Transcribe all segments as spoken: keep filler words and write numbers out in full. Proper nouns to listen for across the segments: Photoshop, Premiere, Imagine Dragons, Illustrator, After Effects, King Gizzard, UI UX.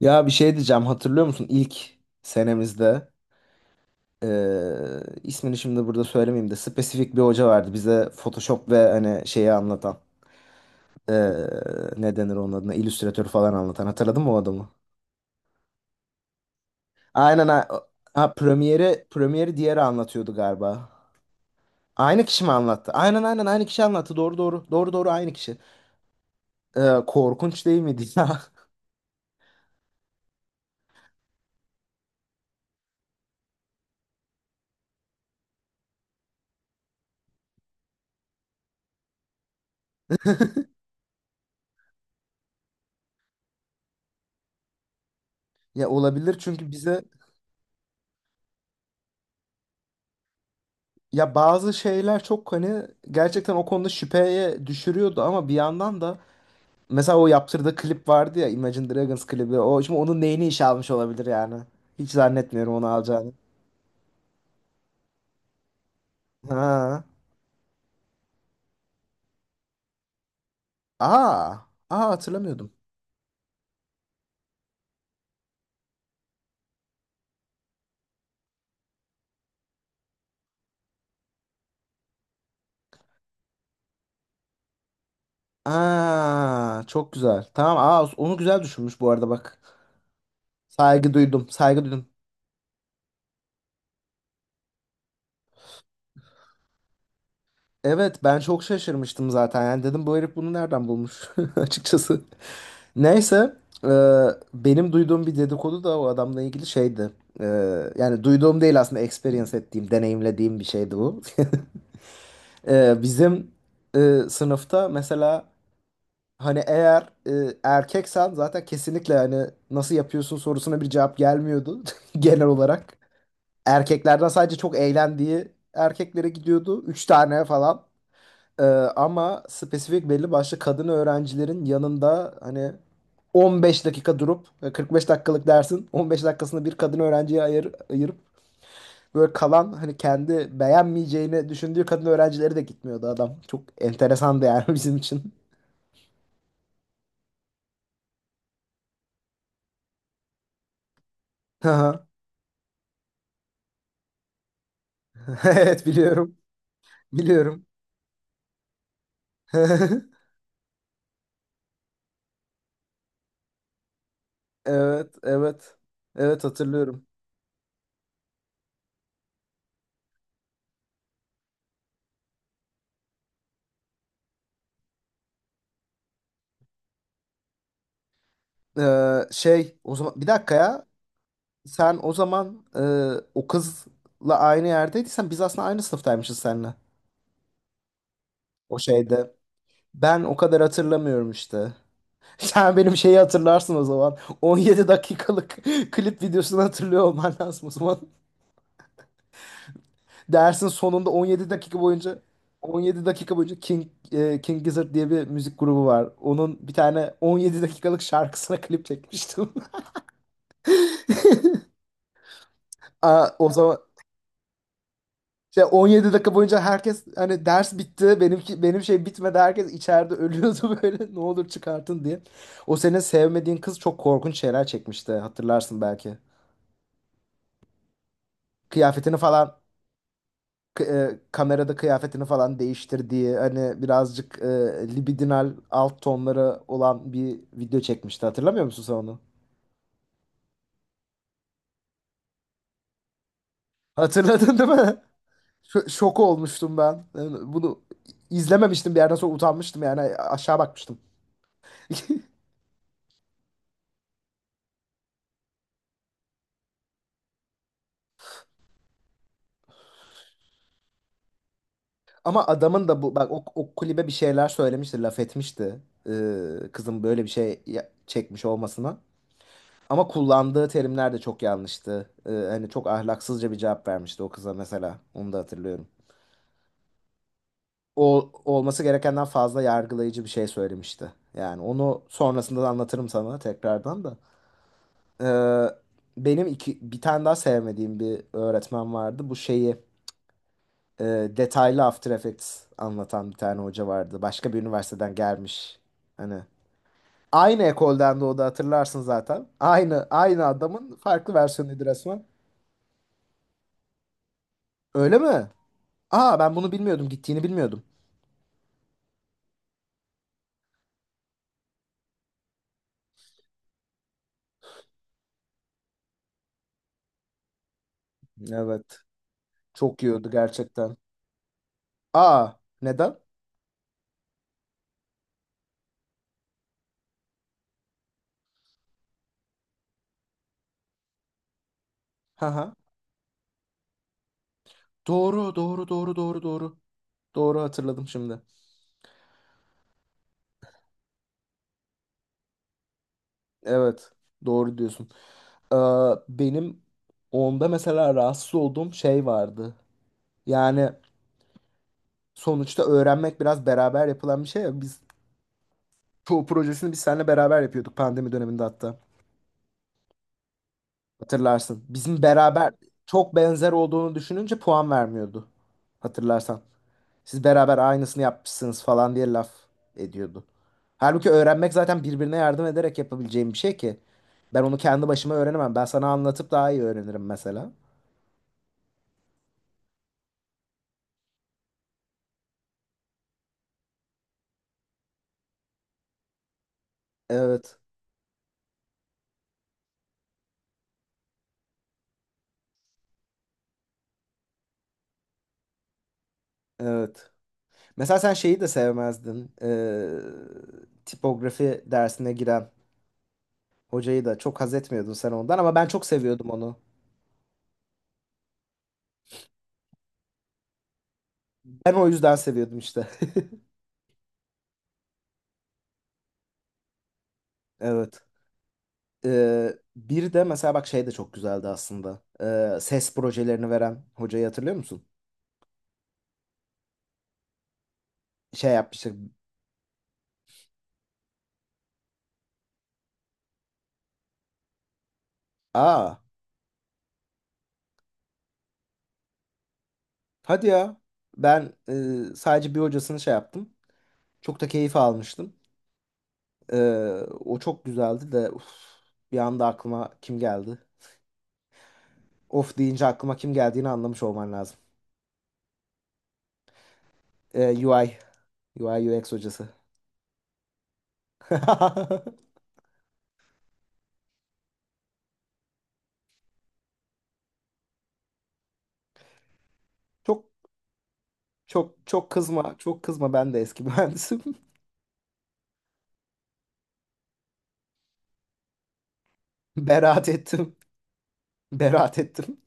Ya bir şey diyeceğim, hatırlıyor musun ilk senemizde eee, ismini şimdi burada söylemeyeyim de spesifik bir hoca vardı bize Photoshop ve hani şeyi anlatan eee ne denir onun adına, Illustrator falan anlatan? Hatırladın mı o adamı? Aynen, ha, ha, Premiere'i Premiere'i diğeri anlatıyordu galiba. Aynı kişi mi anlattı? Aynen, aynen, aynı kişi anlattı. Doğru, doğru, doğru, doğru, aynı kişi. Eee, korkunç değil miydi ya? Ya olabilir, çünkü bize ya bazı şeyler çok hani gerçekten o konuda şüpheye düşürüyordu, ama bir yandan da mesela o yaptırdığı klip vardı ya, Imagine Dragons klibi. O şimdi onun neyini işe almış olabilir yani. Hiç zannetmiyorum onu alacağını. Ha. Aa. Aa, hatırlamıyordum. Aa, çok güzel. Tamam, aa, onu güzel düşünmüş bu arada bak. Saygı duydum. Saygı duydum. Evet, ben çok şaşırmıştım zaten. Yani dedim bu herif bunu nereden bulmuş açıkçası. Neyse, e, benim duyduğum bir dedikodu da o adamla ilgili şeydi. E, Yani duyduğum değil, aslında experience ettiğim, deneyimlediğim bir şeydi bu. Ee, bizim e, sınıfta mesela hani eğer e, erkeksen zaten kesinlikle hani nasıl yapıyorsun sorusuna bir cevap gelmiyordu genel olarak. Erkeklerden sadece çok eğlendiği erkeklere gidiyordu. Üç tane falan. Ee, Ama spesifik belli başlı kadın öğrencilerin yanında hani on beş dakika durup e, kırk beş dakikalık dersin on beş dakikasını bir kadın öğrenciye ayır, ayırıp böyle kalan, hani kendi beğenmeyeceğini düşündüğü kadın öğrencileri de gitmiyordu adam. Çok enteresandı yani bizim için. Aha. Evet, biliyorum. Biliyorum. Evet, evet. Evet, hatırlıyorum. Ee, şey, o zaman bir dakika ya. Sen o zaman e, o kızla aynı yerdeydiysen biz aslında aynı sınıftaymışız seninle. O şeyde. Ben o kadar hatırlamıyorum işte. Sen benim şeyi hatırlarsın o zaman. on yedi dakikalık klip videosunu hatırlıyor olman lazım o zaman. Dersin sonunda on yedi dakika boyunca on yedi dakika boyunca King e, King Gizzard diye bir müzik grubu var. Onun bir tane on yedi dakikalık şarkısına klip çekmiştim. Aa, o zaman şey, on yedi dakika boyunca herkes hani ders bitti. Benimki, benim şey bitmedi. Herkes içeride ölüyordu böyle, ne olur çıkartın diye. O senin sevmediğin kız çok korkunç şeyler çekmişti. Hatırlarsın belki. Kıyafetini falan, k- e, kamerada kıyafetini falan değiştirdiği, hani birazcık e, libidinal alt tonları olan bir video çekmişti. Hatırlamıyor musun sen onu? Hatırladın değil mi? Ş- şok olmuştum ben. Yani bunu izlememiştim, bir yerden sonra utanmıştım yani, aşağı bakmıştım. Ama adamın da bu bak o, o kulübe bir şeyler söylemişti, laf etmişti. Ee, kızın böyle bir şey ya- çekmiş olmasına. Ama kullandığı terimler de çok yanlıştı. Ee, hani çok ahlaksızca bir cevap vermişti o kıza mesela. Onu da hatırlıyorum. O, olması gerekenden fazla yargılayıcı bir şey söylemişti. Yani onu sonrasında da anlatırım sana tekrardan da. Ee, Benim iki, bir tane daha sevmediğim bir öğretmen vardı. Bu şeyi, e, detaylı After Effects anlatan bir tane hoca vardı. Başka bir üniversiteden gelmiş. Hani aynı ekolden, de o da hatırlarsın zaten. Aynı, aynı adamın farklı versiyonuydu resmen. Öyle mi? Aa, ben bunu bilmiyordum. Gittiğini bilmiyordum. Evet. Çok yiyordu gerçekten. Aa, neden? Haha. Doğru, doğru, doğru, doğru, doğru. Doğru, hatırladım şimdi. Evet, doğru diyorsun. Ee, Benim onda mesela rahatsız olduğum şey vardı. Yani sonuçta öğrenmek biraz beraber yapılan bir şey ya. Biz çoğu projesini biz seninle beraber yapıyorduk pandemi döneminde hatta. Hatırlarsın. Bizim beraber çok benzer olduğunu düşününce puan vermiyordu. Hatırlarsan. Siz beraber aynısını yapmışsınız falan diye laf ediyordu. Halbuki öğrenmek zaten birbirine yardım ederek yapabileceğim bir şey ki. Ben onu kendi başıma öğrenemem. Ben sana anlatıp daha iyi öğrenirim mesela. Evet, evet. Mesela sen şeyi de sevmezdin. Ee, tipografi dersine giren hocayı da çok haz etmiyordun sen ondan, ama ben çok seviyordum onu. Ben o yüzden seviyordum işte. Evet. Ee, bir de mesela bak, şey de çok güzeldi aslında. Ee, ses projelerini veren hocayı hatırlıyor musun? Şey yapmıştık. Aa, hadi ya. Ben, e, sadece bir hocasını şey yaptım. Çok da keyif almıştım. E, O çok güzeldi de, uf, bir anda aklıma kim geldi? Of deyince aklıma kim geldiğini anlamış olman lazım. E, U I, U I U X hocası. Çok, çok, çok kızma, çok kızma, ben de eski mühendisim. Beraat ettim, beraat ettim.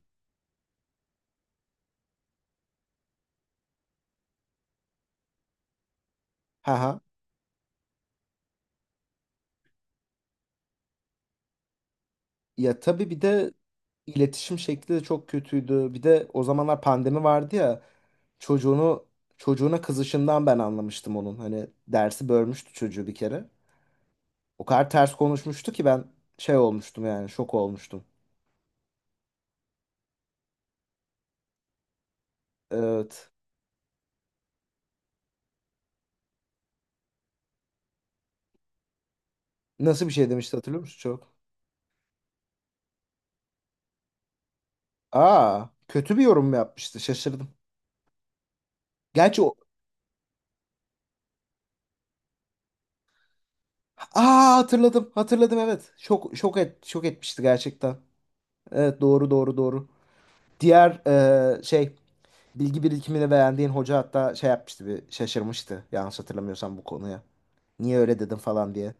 Haha. Ya, tabii bir de iletişim şekli de çok kötüydü. Bir de o zamanlar pandemi vardı ya. Çocuğunu Çocuğuna kızışından ben anlamıştım onun. Hani dersi bölmüştü çocuğu bir kere. O kadar ters konuşmuştu ki ben şey olmuştum, yani şok olmuştum. Evet. Nasıl bir şey demişti, hatırlıyor musun çok? Aa, kötü bir yorum mu yapmıştı? Şaşırdım. Gerçi o. Aa, hatırladım. Hatırladım, evet. Şok şok et şok etmişti gerçekten. Evet, doğru, doğru, doğru. Diğer, eee, şey, bilgi birikimini beğendiğin hoca hatta şey yapmıştı, bir şaşırmıştı yanlış hatırlamıyorsam bu konuya. Niye öyle dedim falan diye.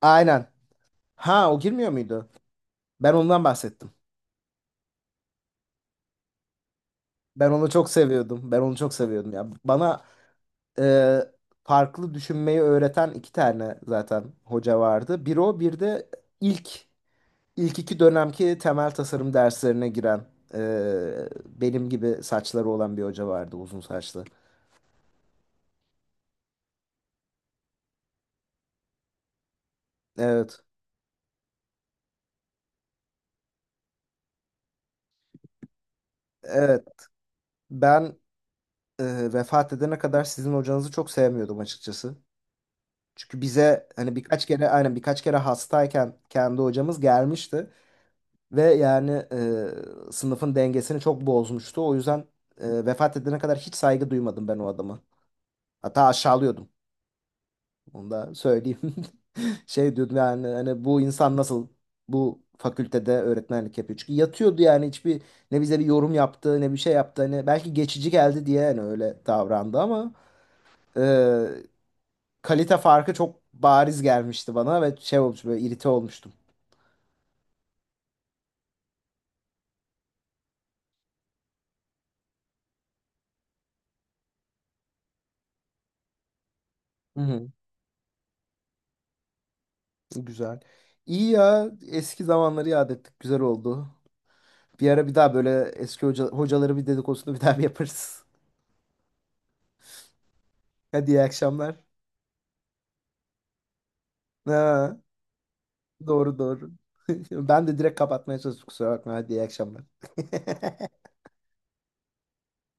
Aynen. Ha, o girmiyor muydu? Ben ondan bahsettim. Ben onu çok seviyordum. Ben onu çok seviyordum ya. Bana e, farklı düşünmeyi öğreten iki tane zaten hoca vardı. Bir o, bir de ilk, ilk iki dönemki temel tasarım derslerine giren e, benim gibi saçları olan bir hoca vardı, uzun saçlı. Evet. Evet. Ben, e, vefat edene kadar sizin hocanızı çok sevmiyordum açıkçası. Çünkü bize hani birkaç kere, aynen birkaç kere hastayken kendi hocamız gelmişti ve yani e, sınıfın dengesini çok bozmuştu. O yüzden e, vefat edene kadar hiç saygı duymadım ben o adama. Hatta aşağılıyordum. Onu da söyleyeyim. Şey diyordum yani, hani bu insan nasıl bu fakültede öğretmenlik yapıyor. Çünkü yatıyordu yani, hiçbir, ne bize bir yorum yaptı ne bir şey yaptı. Hani belki geçici geldi diye hani öyle davrandı, ama e, kalite farkı çok bariz gelmişti bana ve şey olmuş, böyle irite olmuştum. Hı hı. Güzel. İyi ya, eski zamanları yad ettik. Güzel oldu. Bir ara bir daha böyle eski hoca, hocaları bir dedikodusunu bir daha bir yaparız. Hadi iyi akşamlar. Ha, doğru, doğru. Ben de direkt kapatmaya çalıştım, kusura bakma. Hadi iyi akşamlar.